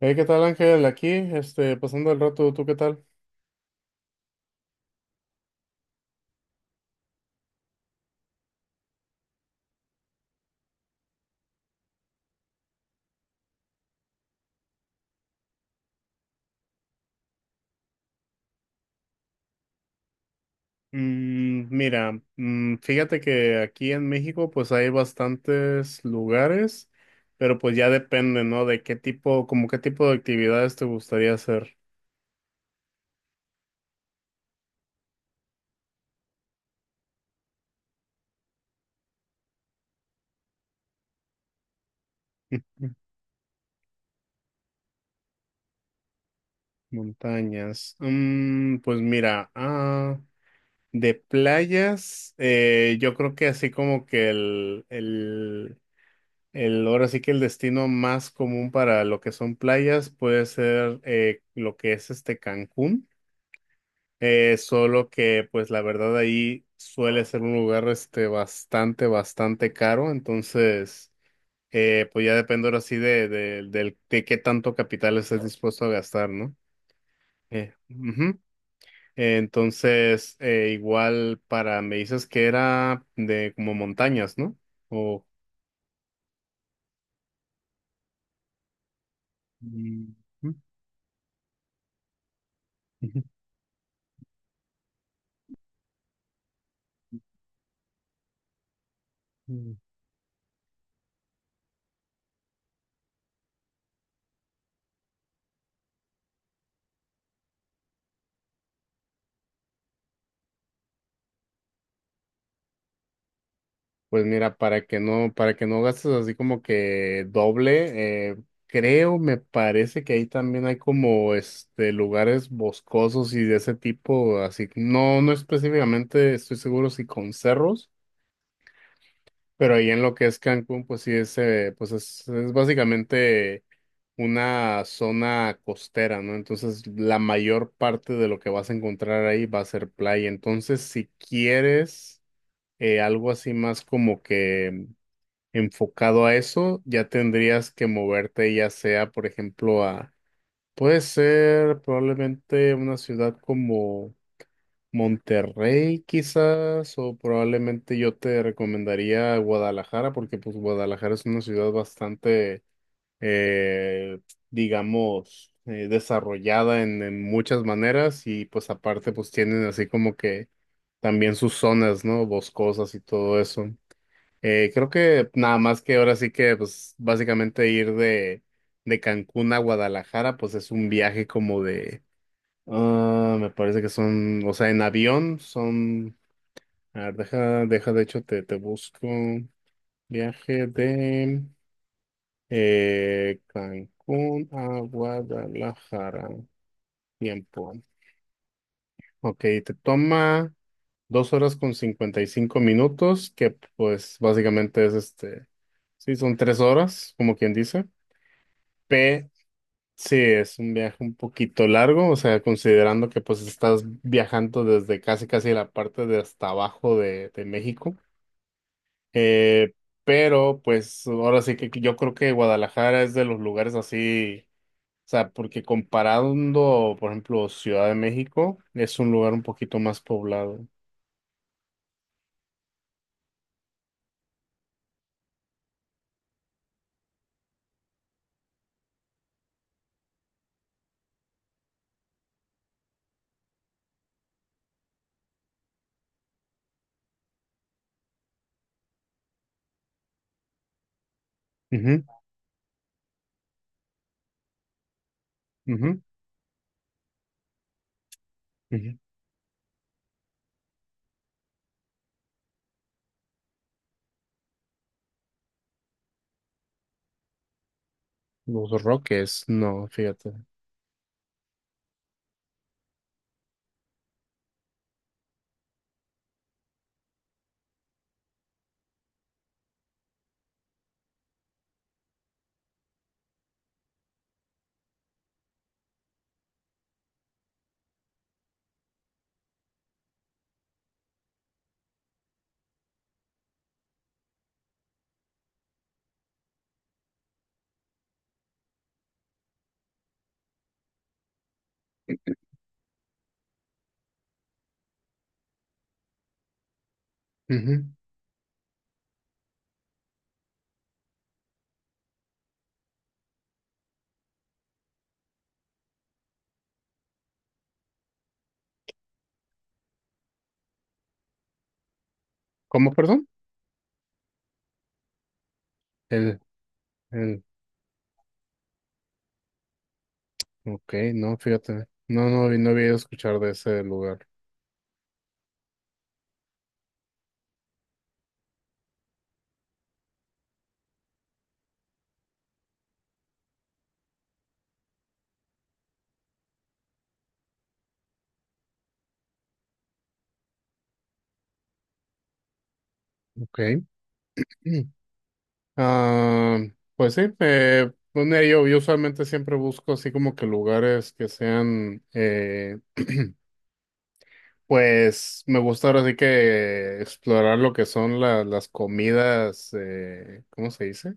Hey, ¿qué tal, Ángel? Aquí, pasando el rato, ¿tú qué tal? Mira, fíjate que aquí en México, pues hay bastantes lugares, pero pues ya depende, ¿no? De qué tipo, como qué tipo de actividades te gustaría hacer. Montañas. Pues mira, de playas, yo creo que así como que el ahora sí que el destino más común para lo que son playas puede ser lo que es Cancún. Solo que pues la verdad ahí suele ser un lugar bastante, bastante caro, entonces pues ya depende ahora sí de qué tanto capital estés dispuesto a gastar, ¿no? Ujú. Entonces igual para, me dices que era de como montañas, ¿no? O... Mm, ujú. Pues mira, para que no gastes así como que doble, creo, me parece que ahí también hay como lugares boscosos y de ese tipo, así, no, no específicamente estoy seguro si con cerros, pero ahí en lo que es Cancún, pues sí es, pues es básicamente una zona costera, ¿no? Entonces la mayor parte de lo que vas a encontrar ahí va a ser playa. Entonces, si quieres algo así más como que enfocado a eso, ya tendrías que moverte ya sea, por ejemplo, puede ser probablemente una ciudad como Monterrey quizás, o probablemente yo te recomendaría Guadalajara, porque pues Guadalajara es una ciudad bastante, eh, digamos, desarrollada en muchas maneras y pues aparte pues tienen así como que también sus zonas, ¿no? Boscosas y todo eso. Creo que nada más que ahora sí que, pues, básicamente ir de Cancún a Guadalajara, pues es un viaje como de, me parece que son, o sea, en avión son, a ver, deja, de hecho, te busco viaje de Cancún a Guadalajara, tiempo. Ok, te toma 2 horas con 55 minutos, que pues básicamente es sí, son 3 horas, como quien dice. P, sí, es un viaje un poquito largo, o sea, considerando que pues estás viajando desde casi casi la parte de hasta abajo de México. Eh, pero pues ahora sí que yo creo que Guadalajara es de los lugares así, o sea, porque comparando, por ejemplo, Ciudad de México, es un lugar un poquito más poblado. Ujú, ujú, ujú. Los Roques, no, fíjate. Ujú. ¿Cómo, perdón? El, el- Ok, no, fíjate. No, no, no había escuchado de ese lugar. Ok. Mm. Ah, pues sí, pues mira, yo usualmente siempre busco así como que lugares que sean, pues me gusta ahora sí que explorar lo que son las comidas, ¿cómo se dice?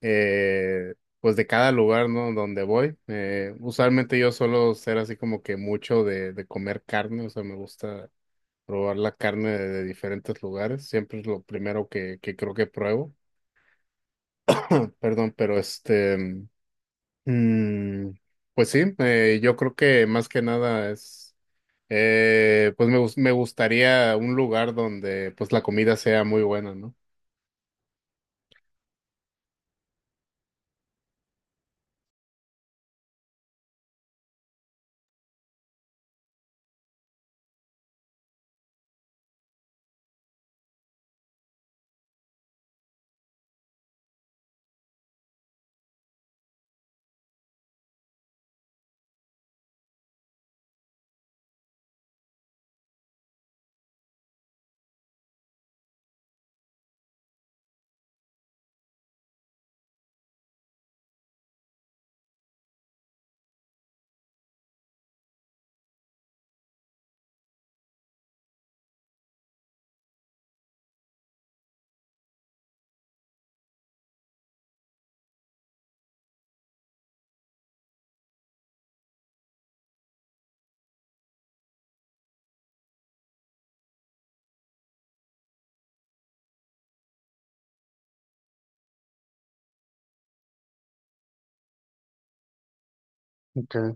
Eh, pues de cada lugar, ¿no? Donde voy. Usualmente yo suelo ser así como que mucho de comer carne, o sea, me gusta. Probar la carne de diferentes lugares. Siempre es lo primero que creo que pruebo. Perdón, pero mm, pues sí, yo creo que más que nada es, pues me gustaría un lugar donde pues la comida sea muy buena, ¿no? Okay.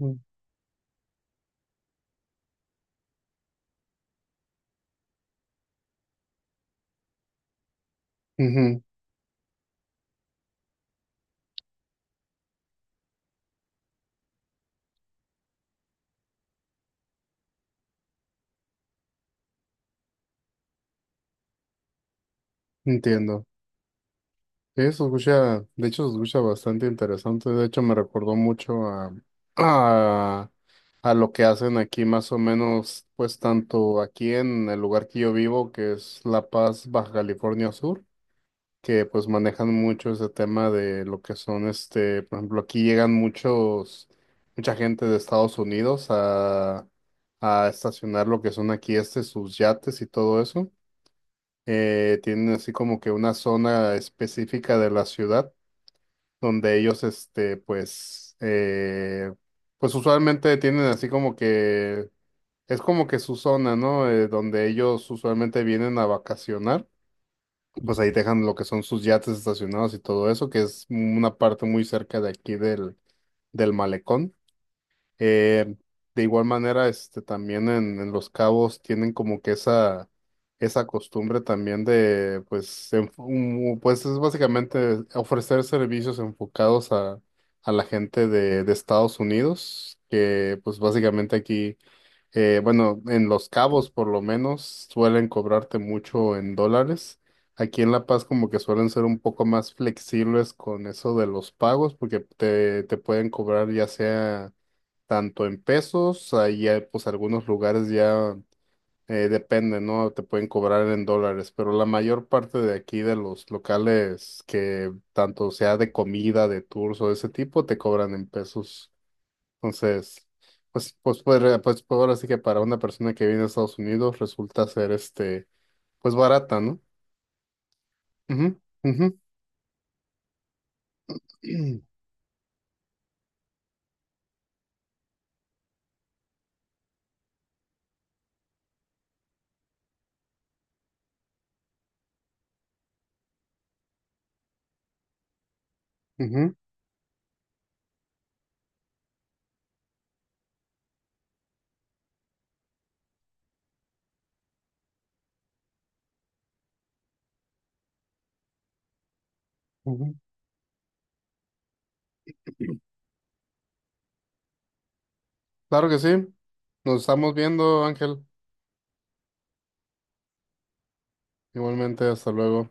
Mm, ujú, entiendo. Sí, se escucha, de hecho se escucha bastante interesante, de hecho me recordó mucho a, a, a lo que hacen aquí más o menos, pues tanto aquí en el lugar que yo vivo, que es La Paz, Baja California Sur, que pues manejan mucho ese tema de lo que son, por ejemplo, aquí llegan mucha gente de Estados Unidos a estacionar lo que son aquí sus yates y todo eso. Tienen así como que una zona específica de la ciudad donde ellos, pues, pues usualmente tienen así como que, es como que su zona, ¿no? Donde ellos usualmente vienen a vacacionar, pues ahí dejan lo que son sus yates estacionados y todo eso, que es una parte muy cerca de aquí del malecón. Eh, de igual manera, también en Los Cabos tienen como que esa costumbre también de, pues, pues es básicamente ofrecer servicios enfocados a la gente de Estados Unidos, que pues básicamente aquí, bueno, en Los Cabos por lo menos suelen cobrarte mucho en dólares. Aquí en La Paz como que suelen ser un poco más flexibles con eso de los pagos, porque te pueden cobrar ya sea tanto en pesos, ahí hay, pues algunos lugares ya depende, ¿no? Te pueden cobrar en dólares, pero la mayor parte de aquí de los locales que tanto sea de comida, de tours o de ese tipo, te cobran en pesos. Entonces, pues, ahora sí que para una persona que viene a Estados Unidos resulta ser pues barata, ¿no? Ujú, ujú, ujú, ujú. Claro que sí. Nos estamos viendo, Ángel. Igualmente, hasta luego.